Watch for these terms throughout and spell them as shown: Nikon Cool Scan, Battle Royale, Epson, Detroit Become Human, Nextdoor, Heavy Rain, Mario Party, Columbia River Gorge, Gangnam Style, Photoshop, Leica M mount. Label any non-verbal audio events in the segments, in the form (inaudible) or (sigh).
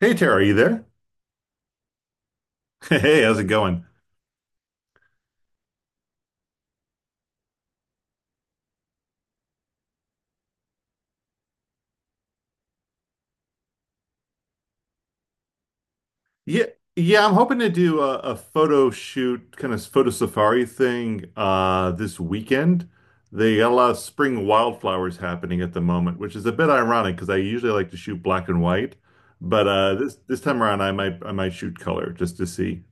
Hey Tara, are you there? (laughs) Hey, how's it going? Yeah, yeah, I'm hoping to do a photo shoot, kind of photo safari thing this weekend. They got a lot of spring wildflowers happening at the moment, which is a bit ironic because I usually like to shoot black and white, but this time around I might shoot color just to see.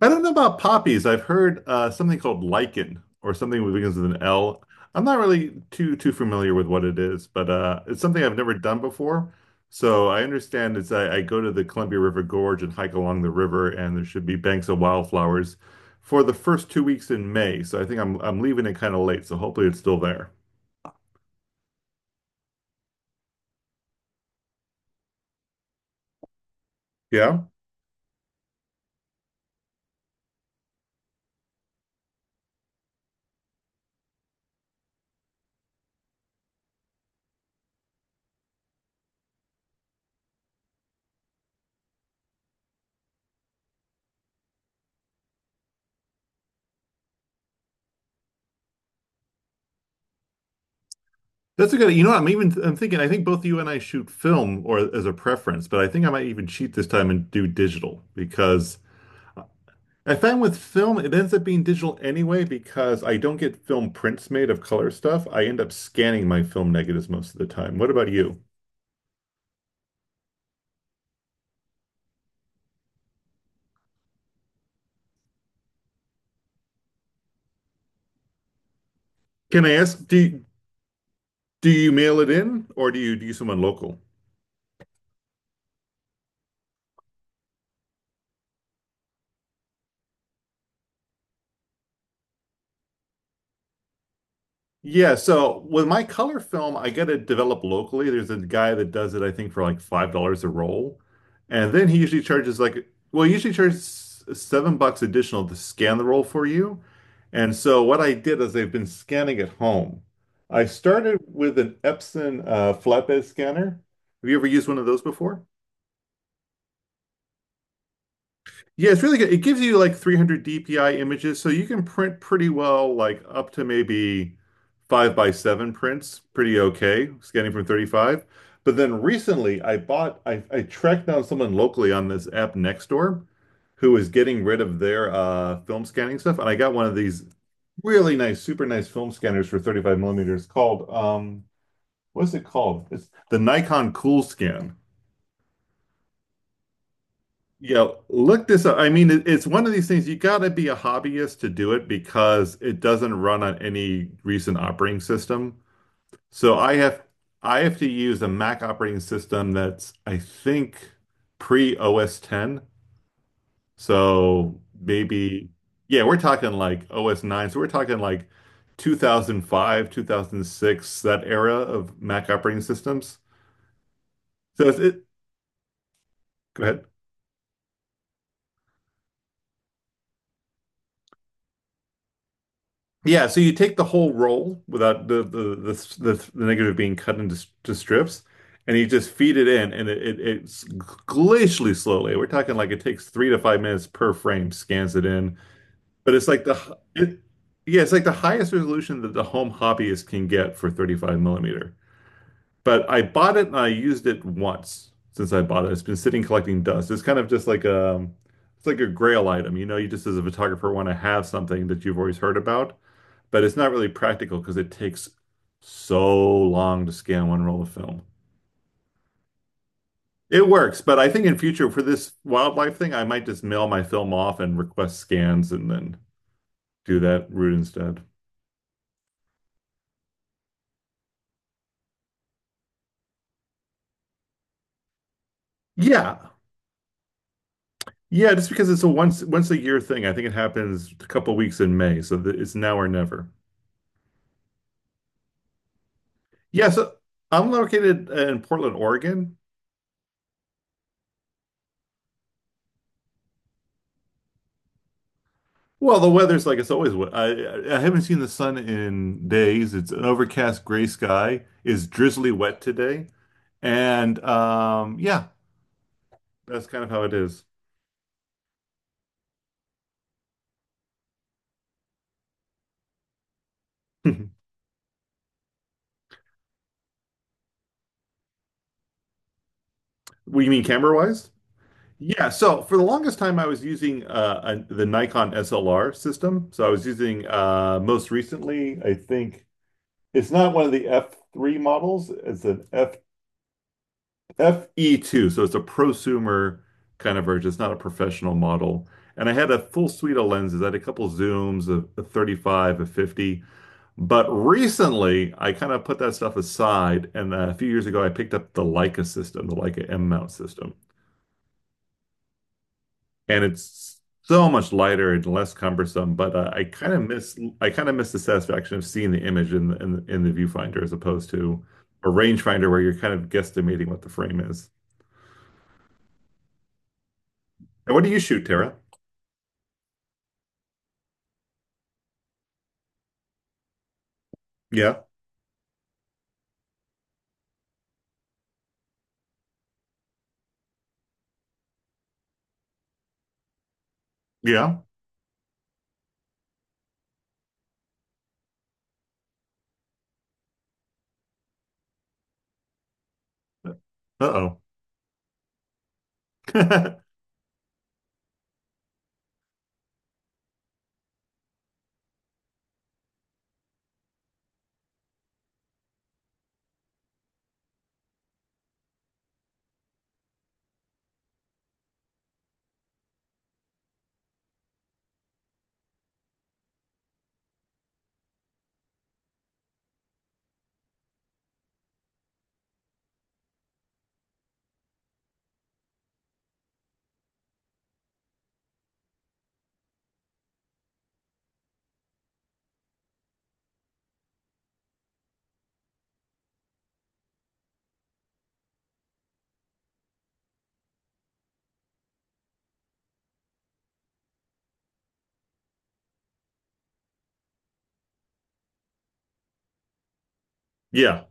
I don't know about poppies. I've heard something called lichen or something that begins with an L. I'm not really too familiar with what it is, but it's something I've never done before. So I understand I go to the Columbia River Gorge and hike along the river, and there should be banks of wildflowers for the first 2 weeks in May. So I think I'm leaving it kind of late, so hopefully it's still there. Yeah. That's a good I'm even I'm thinking I think both you and I shoot film or as a preference, but I think I might even cheat this time and do digital because I find with film, it ends up being digital anyway because I don't get film prints made of color stuff. I end up scanning my film negatives most of the time. What about you? Can I ask, do you mail it in or do you someone local? Yeah, so with my color film, I get it developed locally. There's a guy that does it, I think, for like $5 a roll, and then he usually charges like, well, he usually charges $7 additional to scan the roll for you. And so what I did is I've been scanning at home. I started with an Epson flatbed scanner. Have you ever used one of those before? Yeah, it's really good. It gives you like 300 DPI images, so you can print pretty well, like up to maybe five by seven prints, pretty okay, scanning from 35. But then recently, I tracked down someone locally on this app Nextdoor who was getting rid of their film scanning stuff, and I got one of these really nice, super nice film scanners for 35 millimeters called, what is it called? It's the Nikon Cool Scan. Yeah, look this up. I mean, it's one of these things you got to be a hobbyist to do it because it doesn't run on any recent operating system. So I have to use a Mac operating system that's I think pre OS 10. So maybe yeah, we're talking like OS 9. So we're talking like 2005, 2006, that era of Mac operating systems. So go ahead. Yeah, so you take the whole roll without the negative being cut into s- to strips, and you just feed it in, and it's glacially slowly. We're talking like it takes 3 to 5 minutes per frame, scans it in, but it's like it, yeah, it's like the highest resolution that the home hobbyist can get for 35 millimeter. But I bought it and I used it once since I bought it. It's been sitting collecting dust. It's kind of just like it's like a grail item, you know. You just as a photographer want to have something that you've always heard about but it's not really practical because it takes so long to scan one roll of film. It works, but I think in future for this wildlife thing, I might just mail my film off and request scans and then do that route instead. Yeah. Yeah, just because it's a once a year thing. I think it happens a couple weeks in May, so it's now or never. Yeah, so I'm located in Portland, Oregon. Well, the weather's like it's always wet. I haven't seen the sun in days. It's an overcast gray sky. Is drizzly wet today. And yeah, that's kind of how it is. (laughs) What do you mean camera wise? Yeah, so for the longest time, I was using the Nikon SLR system. So I was using most recently, I think it's not one of the F3 models, it's an FE2, so it's a prosumer kind of version. It's not a professional model. And I had a full suite of lenses. I had a couple zooms, a 35, a 50. But recently, I kind of put that stuff aside. And a few years ago, I picked up the Leica system, the Leica M mount system. And it's so much lighter and less cumbersome. But I kind of miss the satisfaction of seeing the image in the, viewfinder as opposed to a rangefinder where you're kind of guesstimating what the frame is. And what do you shoot, Tara? Yeah. Yeah. Uh-oh. (laughs) Yeah.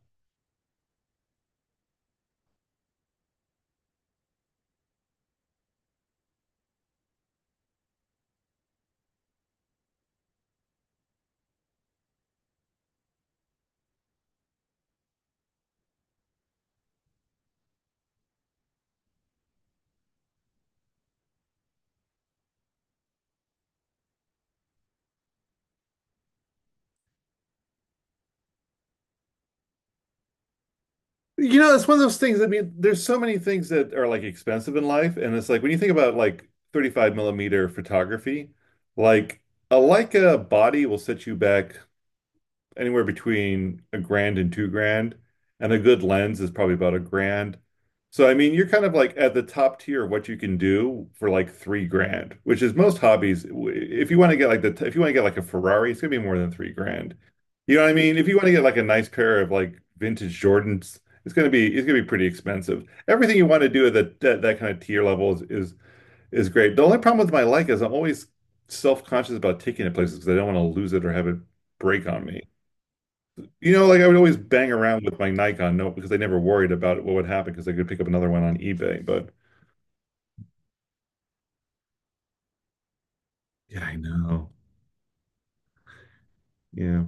You know, it's one of those things. I mean, there's so many things that are like expensive in life, and it's like when you think about like 35 millimeter photography, like a Leica body will set you back anywhere between a grand and 2 grand, and a good lens is probably about a grand. So I mean, you're kind of like at the top tier of what you can do for like 3 grand, which is most hobbies. If you want to get like a Ferrari, it's gonna be more than 3 grand. You know what I mean? If you want to get like a nice pair of like vintage Jordans, it's gonna be pretty expensive. Everything you want to do at that kind of tier level is great. The only problem with my like is I'm always self-conscious about taking it places because I don't want to lose it or have it break on me. You know, like I would always bang around with my Nikon note because I never worried about what would happen because I could pick up another one on eBay. But yeah, I know. Yeah.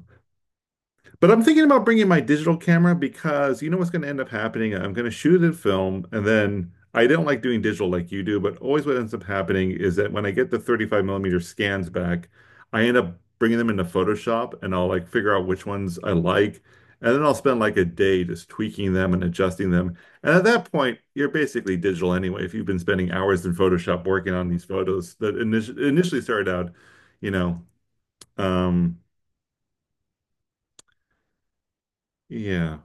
But I'm thinking about bringing my digital camera because you know what's going to end up happening? I'm going to shoot it film, and then I don't like doing digital like you do, but always what ends up happening is that when I get the 35 millimeter scans back, I end up bringing them into Photoshop and I'll like figure out which ones I like. And then I'll spend like a day just tweaking them and adjusting them. And at that point, you're basically digital anyway. If you've been spending hours in Photoshop working on these photos that initially started out, you know, um, yeah.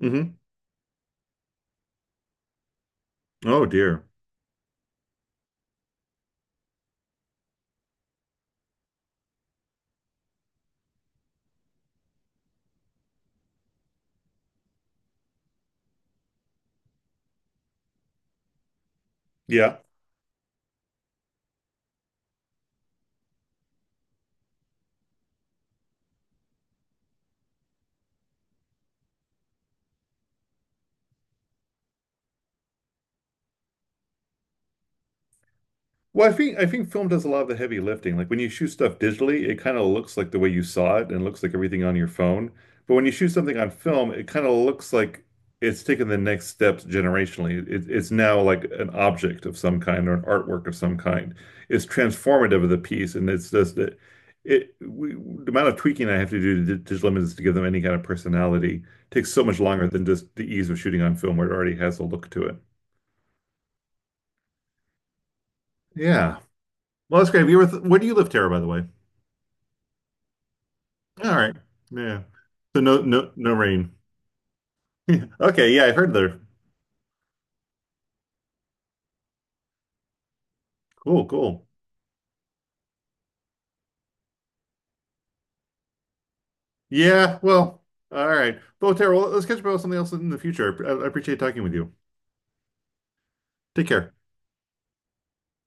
Hmm. Oh dear. Yeah. Well, I think film does a lot of the heavy lifting. Like when you shoot stuff digitally, it kind of looks like the way you saw it and looks like everything on your phone. But when you shoot something on film, it kind of looks like it's taken the next steps generationally. It's now like an object of some kind or an artwork of some kind. It's transformative of the piece, and it's just the amount of tweaking I have to do to digital images to give them any kind of personality takes so much longer than just the ease of shooting on film, where it already has a look to it. Yeah. Well, that's great. Have you ever where do you live, Tara, by the way? All right. Yeah. So no rain. (laughs) Yeah. Okay, yeah, I heard there. Cool, cool. Yeah, well, all right. Well, Tara, well, let's catch up about something else in the future. I appreciate talking with you. Take care.